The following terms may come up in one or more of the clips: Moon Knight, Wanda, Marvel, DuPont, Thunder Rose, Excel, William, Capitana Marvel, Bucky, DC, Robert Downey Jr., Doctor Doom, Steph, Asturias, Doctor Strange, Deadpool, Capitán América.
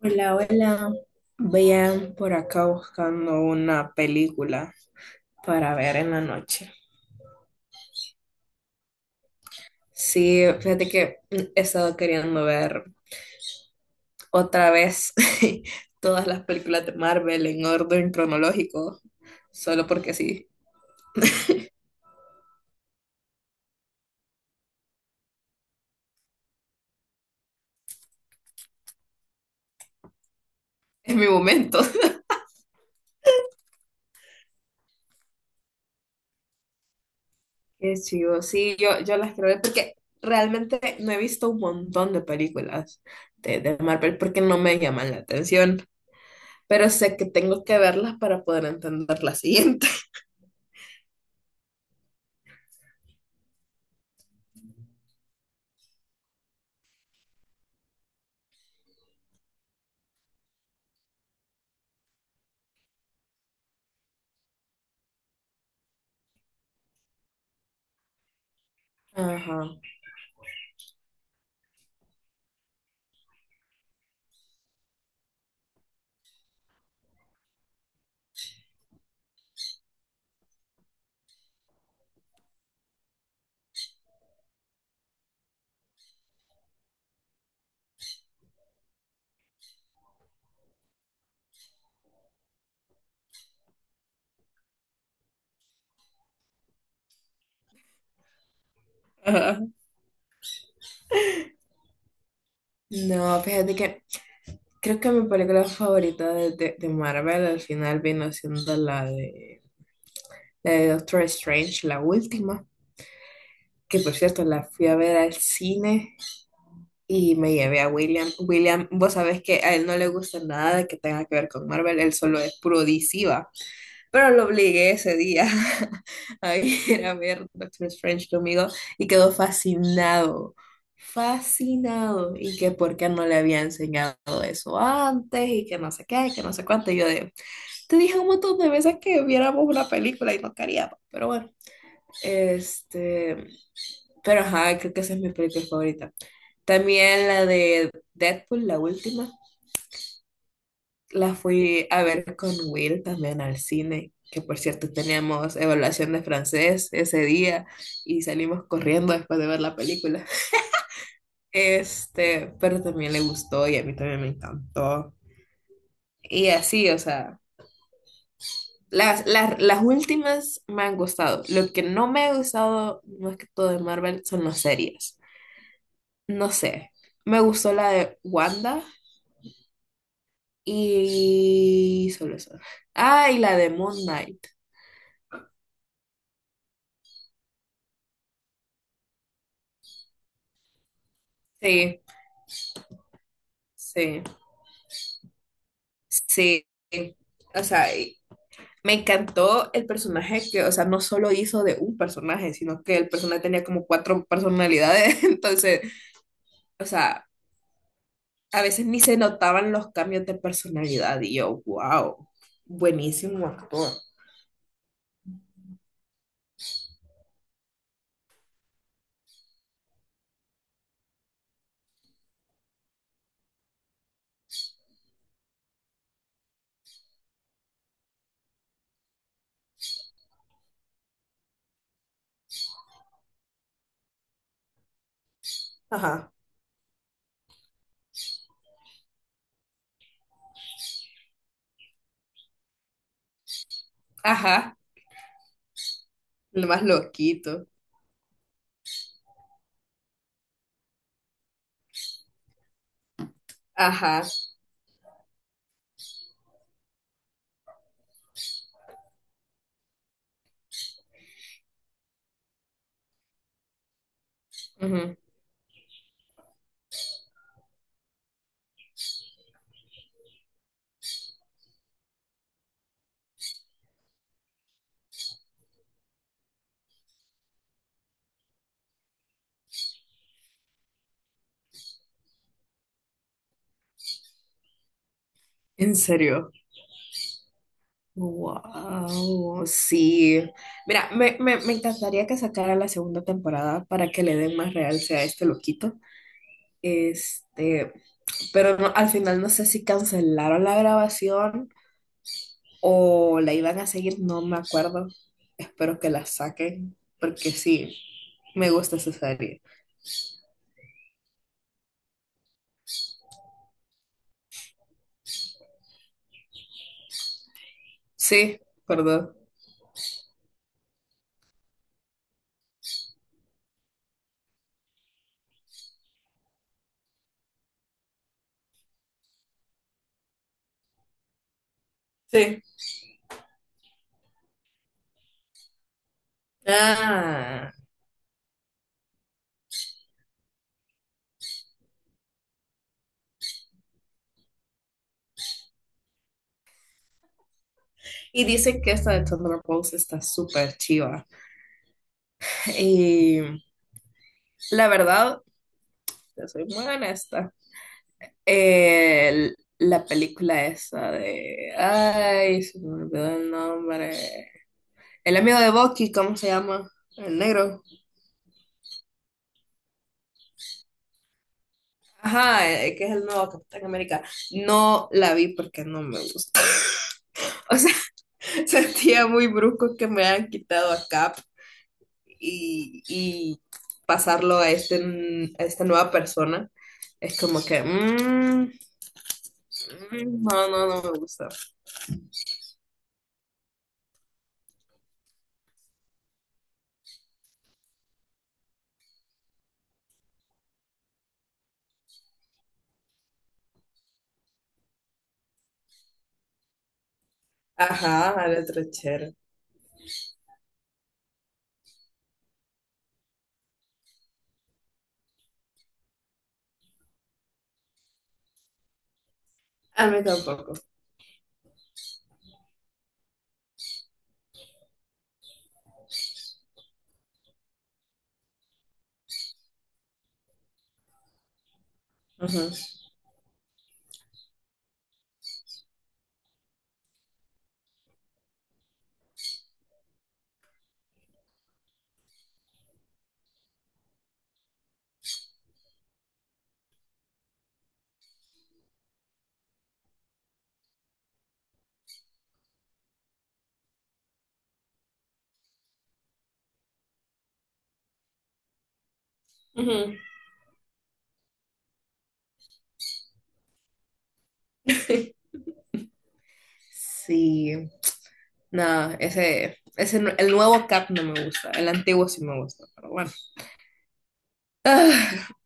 Hola, hola. Vean por acá buscando una película para ver en la noche. Sí, fíjate que he estado queriendo ver otra vez todas las películas de Marvel en orden cronológico, solo porque sí, es mi momento. Qué chido, sí, yo las quiero ver porque realmente no he visto un montón de películas de Marvel porque no me llaman la atención, pero sé que tengo que verlas para poder entender la siguiente. Ajá. Ajá. No, fíjate que creo que mi película favorita de Marvel al final vino siendo la de Doctor Strange, la última, que por cierto la fui a ver al cine y me llevé a William. William, vos sabés que a él no le gusta nada de que tenga que ver con Marvel, él solo es puro DC, ¿va? Pero lo obligué ese día a ir a ver Doctor Strange conmigo y quedó fascinado, fascinado. Y que por qué no le había enseñado eso antes y que no sé qué, que no sé cuánto. Y yo de, te dije un montón de veces que viéramos una película y no queríamos, pero bueno. Este, pero ajá, creo que esa es mi película favorita. También la de Deadpool, la última. La fui a ver con Will también al cine, que por cierto teníamos evaluación de francés ese día y salimos corriendo después de ver la película. Pero también le gustó y a mí también me encantó. Y así, o sea, las últimas me han gustado. Lo que no me ha gustado, más que todo de Marvel, son las series. No sé, me gustó la de Wanda y solo eso. Ah, y la de Moon Knight. Sí, sí. Sí, o sea, y me encantó el personaje que, o sea, no solo hizo de un personaje, sino que el personaje tenía como cuatro personalidades, entonces, o sea, a veces ni se notaban los cambios de personalidad y yo, wow, buenísimo actor. Ajá, ajá, el más loquito, ajá, ujú, en serio. Wow, sí. Mira, me encantaría que sacara la segunda temporada para que le den más realce a este loquito. Este, pero no- al final no sé si cancelaron la grabación o la iban a seguir, no me acuerdo. Espero que la saquen, porque sí, me gusta esa serie. Sí, perdón. Sí. Ah, y dicen que esta de Thunder Rose está súper chiva. Y la verdad, te soy muy honesta. El- la película esa de. Ay, se me olvidó el nombre. El amigo de Bucky, ¿cómo se llama? El negro. Ajá, que es el nuevo Capitán América. No la vi porque no me gusta. Sentía muy brusco que me hayan quitado a Cap y pasarlo a, a esta nueva persona. Es como que, no, no, no me gusta. Ajá, al otro. A mí tampoco. Ujú. Ujú. Sí, no, no- el nuevo Cap no me gusta. El antiguo sí me gusta, pero bueno. Ah,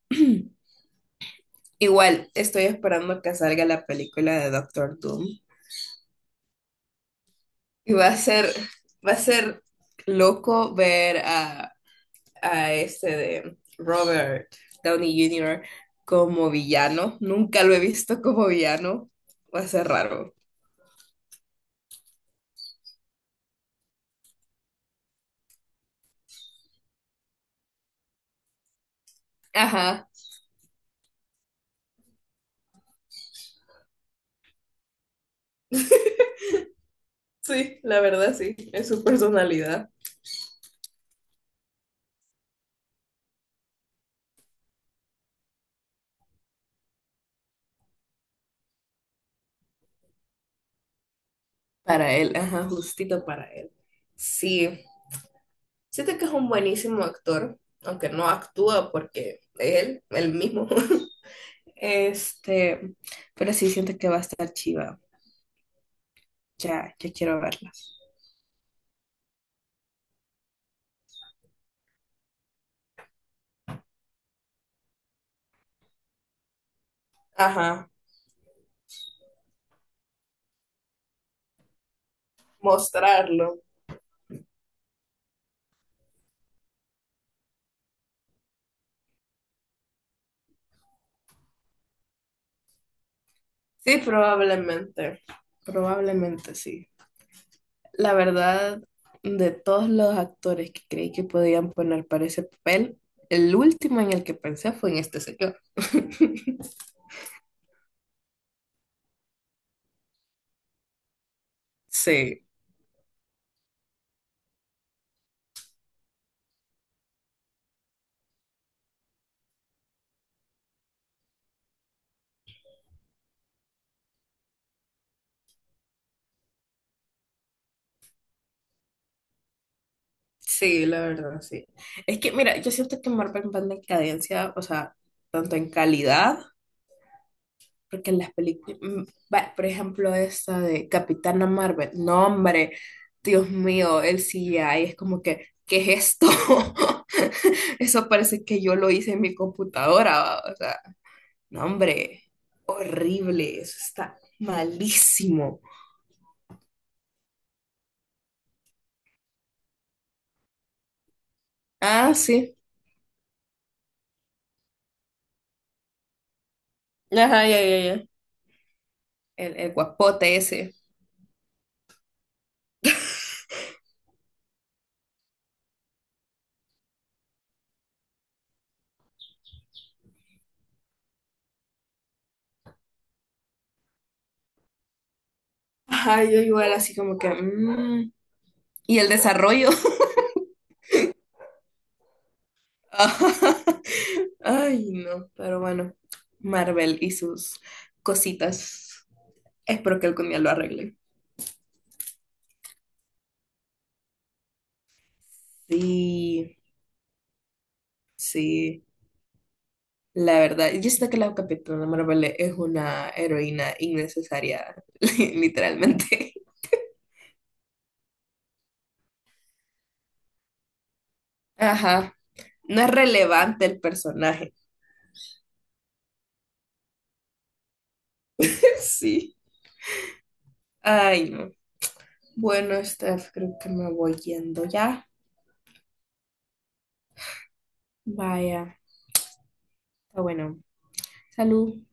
igual estoy esperando que salga la película de Doctor Doom. Y va a ser loco ver a este de Robert Downey Jr. como villano. Nunca lo he visto como villano. Va a ser raro. Ajá. Sí, la verdad sí. Es su personalidad. Para él, ajá, justito para él. Sí. Siento que es un buenísimo actor, aunque no actúa porque es él, él mismo. Este, pero sí siento que va a estar chiva. Ya, ya quiero verlas. Ajá, mostrarlo. Sí, probablemente. Probablemente sí. La verdad, de todos los actores que creí que podían poner para ese papel, el último en el que pensé fue en este señor. Sí, sí, la verdad, sí. Es que, mira, yo siento que Marvel va en decadencia, o sea, tanto en calidad. Porque en las películas, bueno, por ejemplo, esta de Capitana Marvel, no, hombre, Dios mío, el CGI es como que, ¿qué es esto? Eso parece que yo lo hice en mi computadora, va, o sea, no, hombre, horrible, eso está malísimo. Ah, sí, ajá, ya, ya, ya, el guapote ese. Ajá, yo igual así como que, mm. Y el desarrollo. Ay, no, pero bueno, Marvel y sus cositas. Espero que algún día lo arregle. Sí, sí, la verdad. Yo sé que la Capitana Marvel es una heroína innecesaria, li- literalmente. Ajá, no es relevante el personaje. Sí. Ay, no. Bueno, Steph, creo que me voy yendo ya. Vaya, está bueno. Salud.